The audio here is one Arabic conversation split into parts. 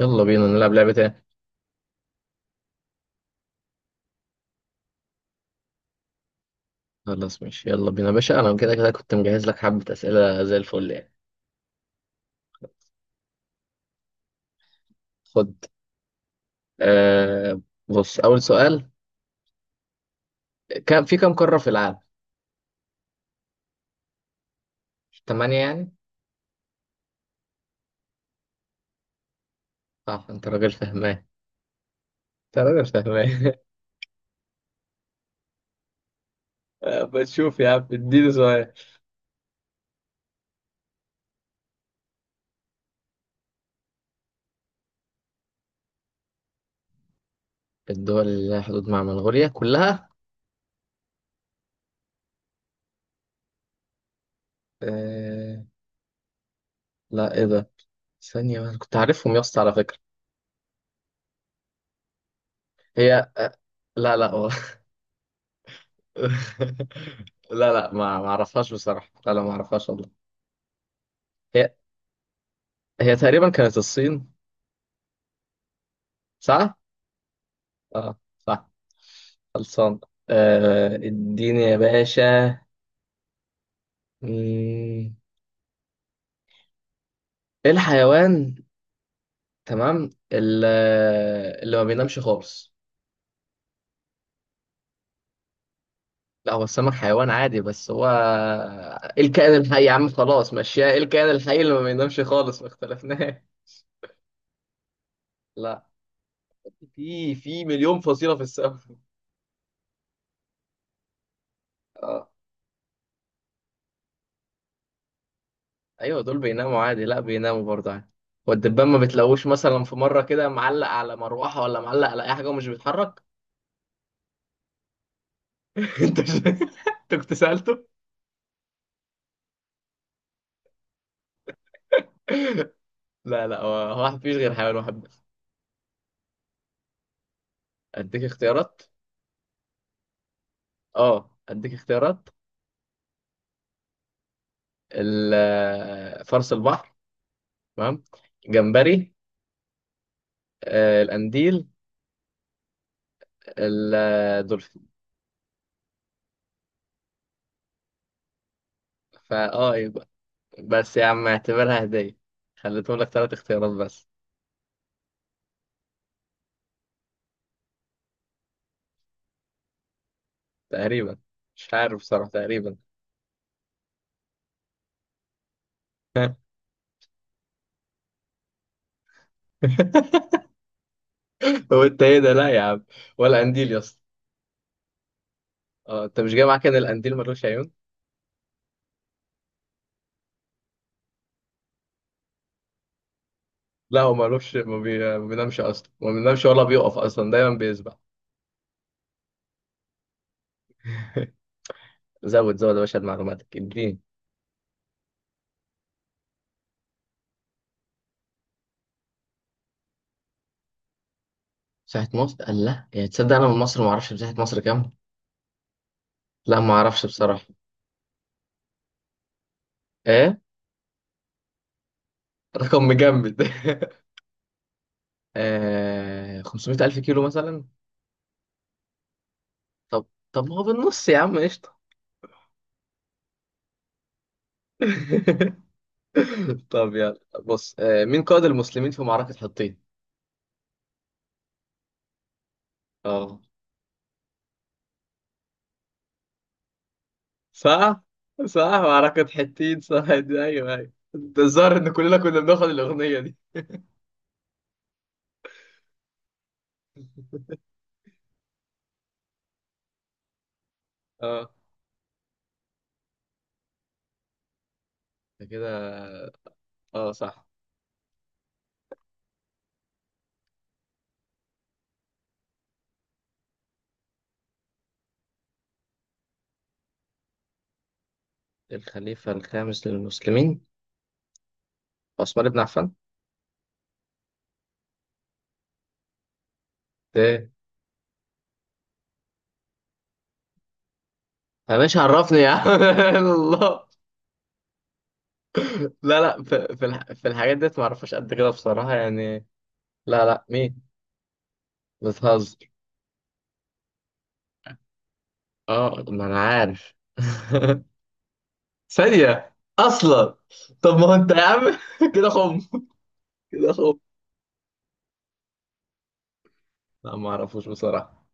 يلا بينا نلعب لعبة تاني. خلاص ماشي، يلا بينا يا باشا، أنا كده كده كنت مجهز لك حبة أسئلة زي الفل يعني. خد. آه بص أول سؤال، كم في كم قارة في العالم؟ تمانية يعني؟ صح، أنت راجل فهمان، أنت راجل فهمان. بتشوف يا عم، اديني سؤال. الدول اللي لها حدود مع منغوليا كلها؟ آه. لا إيه ده؟ ثانية بس، كنت عارفهم يا اسطى على فكرة. هي آه. لا لا والله. لا لا، ما أعرفهاش بصراحة، لا لا ما أعرفهاش والله. هي، هي تقريبا كانت الصين. صح؟ اه صح. خلصان. آه، اديني يا باشا. مم، ايه الحيوان، تمام اللي ما بينامش خالص. لا هو السمك حيوان عادي، بس هو ايه الكائن الحي يا عم، خلاص ماشية، ايه الكائن الحي اللي ما بينامش خالص، ما اختلفناش. لا، في مليون فصيلة في السمك. اه، ايوه دول بيناموا عادي، لا بيناموا برضه عادي. والدبان ما بتلاقوش مثلا في مرة كده معلق على مروحة ولا معلق على اي حاجة ومش بيتحرك. كنت انت كنت سألته؟ لا لا، هو واحد، مفيش غير حيوان واحد بس. اديك اختيارات، اه اديك اختيارات. فرس البحر، تمام. جمبري. آه، القنديل. الدولفين. فاه يبقى. بس يا عم اعتبرها هدية، خليتهم لك ثلاث اختيارات بس. تقريبا، مش عارف بصراحة، تقريبا. هو انت ايه ده، لا يا عم. ولا قنديل يا اسطى. اه انت مش جاي معاك ان القنديل ملوش عيون. لا هو مالوش ما بينامش اصلا، ما بينامش ولا بيقف اصلا، دايما بيسبح. زود زود يا باشا معلوماتك، اديني. مساحة مصر قال، لا يعني تصدق انا من مصر ما اعرفش مساحة مصر كام. لا ما اعرفش بصراحة. ايه. رقم مجمد. آه... 500 الف كيلو مثلا. طب، طب ما هو بالنص يا عم، قشطة. طب يلا بص، آه، مين قائد المسلمين في معركة حطين؟ اه صح، صح معركة حطين صح دي، ايوه ايوه، ده الظاهر ان كلنا كنا بناخد الاغنية دي. اه. ده كده. اه صح. الخليفة الخامس للمسلمين، عثمان بن عفان. ايه، يا باشا عرفني يا عم. الله. لا لا، في في الحاجات ديت ما اعرفهاش قد كده بصراحة يعني. لا لا مين، بتهزر. اه ما انا عارف. ثانية اصلا. طب ما هو انت يا عم كده خم، كده خم. لا ما اعرفوش بصراحة.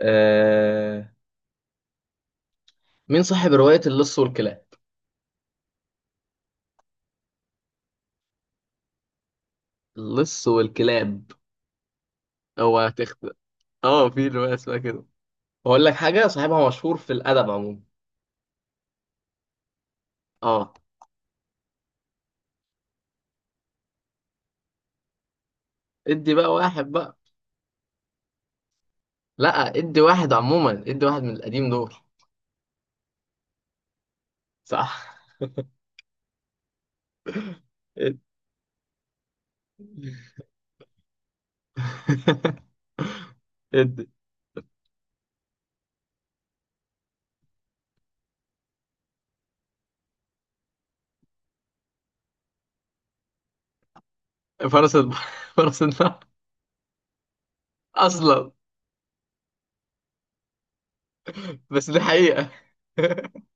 آه... مين صاحب رواية اللص والكلاب؟ اللص والكلاب. اوعى تخت. اه في رواية اسمها كده. بقول لك حاجة، صاحبها مشهور في الأدب عموما. اه. ادي بقى واحد بقى. لا، ادي واحد عموما، ادي واحد من القديم دول. صح. ادي. ادي. فرس الب... فرس النهر. أصلا بس دي حقيقة.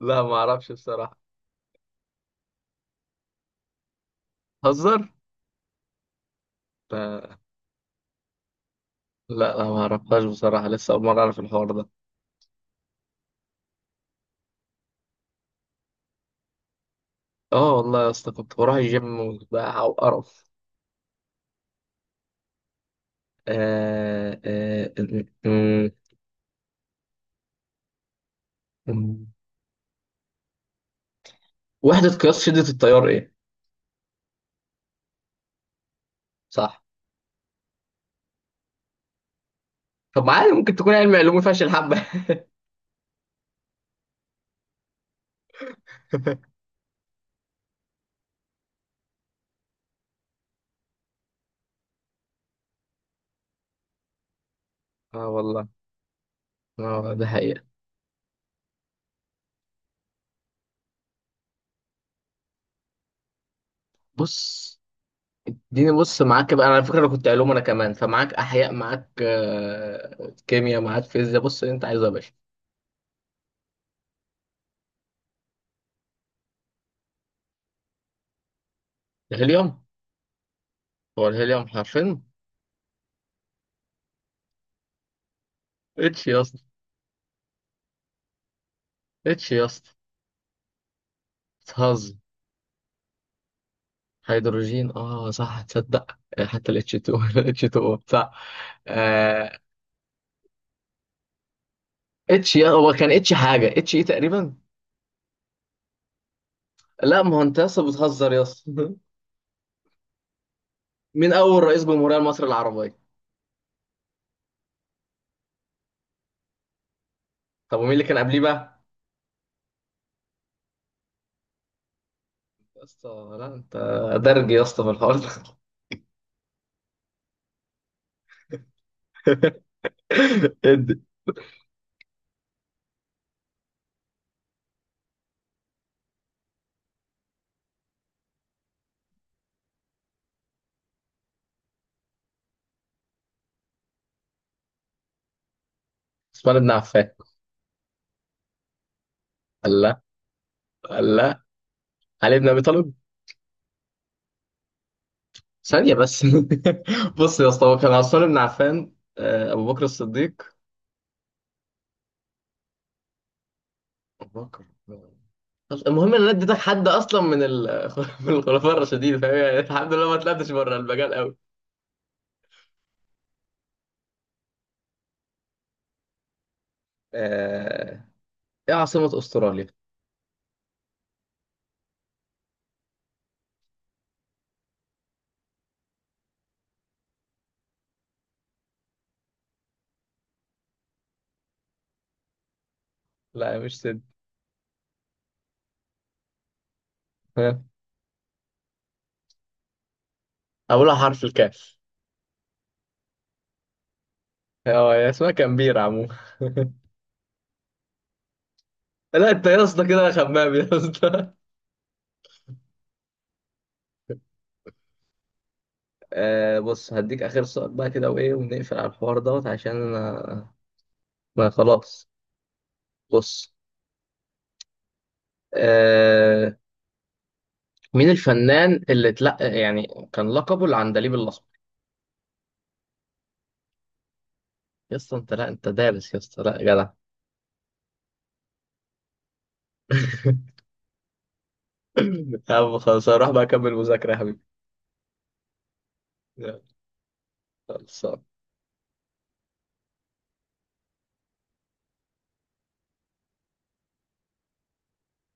لا ما أعرفش بصراحة. هزر. لا لا ما أعرفهاش بصراحة، لسه أول مرة أعرف الحوار ده. اه والله يا اسطى، كنت بروح الجيم وبتاع وقرف. آه آه م- م- م- وحدة قياس شدة التيار إيه؟ صح. طب عادي، ممكن تكون علم علوم فاشل حبة. اه والله. اه ده حقيقة. بص اديني، بص معاك بقى، انا على فكرة انا كنت علوم، انا كمان فمعاك احياء، معاك كيمياء، معاك فيزياء، بص اللي انت عايزه يا باشا. الهيليوم. هو الهيليوم حرفين؟ اتش يا اسطى، اتش يا اسطى. بتهزر. هيدروجين، اه صح تصدق، حتى الاتش 2. اتش 2 صح. آه، اتش يا، هو كان اتش حاجة، اتش ايه تقريبا. لا ما هو انت يا اسطى بتهزر يا اسطى. مين اول رئيس جمهورية مصر العربية؟ طب ومين اللي كان قبليه بقى؟ يا اسطى، لا انت، درج يا اسطى في الحوار ده. ادي. عثمان بن عفان. الله. الله. علي بن ابي طالب. ثانيه بس. بص يا اسطى، هو كان عثمان بن عفان، ابو بكر الصديق، ابو بكر. المهم ان انا اديتك حد اصلا من من الخلفاء الراشدين، فاهم يعني، الحمد لله ما طلعتش بره المجال قوي. آه، ايه عاصمة استراليا؟ لا مش سيد. ها؟ اولها حرف الكاف. هو هي اسمها كامبيرا عموما. لا انت يا اسطى كده خمام يا اسطى. آه بص، هديك اخر سؤال بقى كده وايه، ونقفل على الحوار دوت عشان انا، ما خلاص. بص. آه. مين الفنان اللي اتلقى يعني كان لقبه العندليب الاحمر؟ يا اسطى انت، لا انت دارس يا اسطى، لا جدع. يا عم خلاص، هروح بقى اكمل مذاكرة يا حبيبي. يلا، خلاص.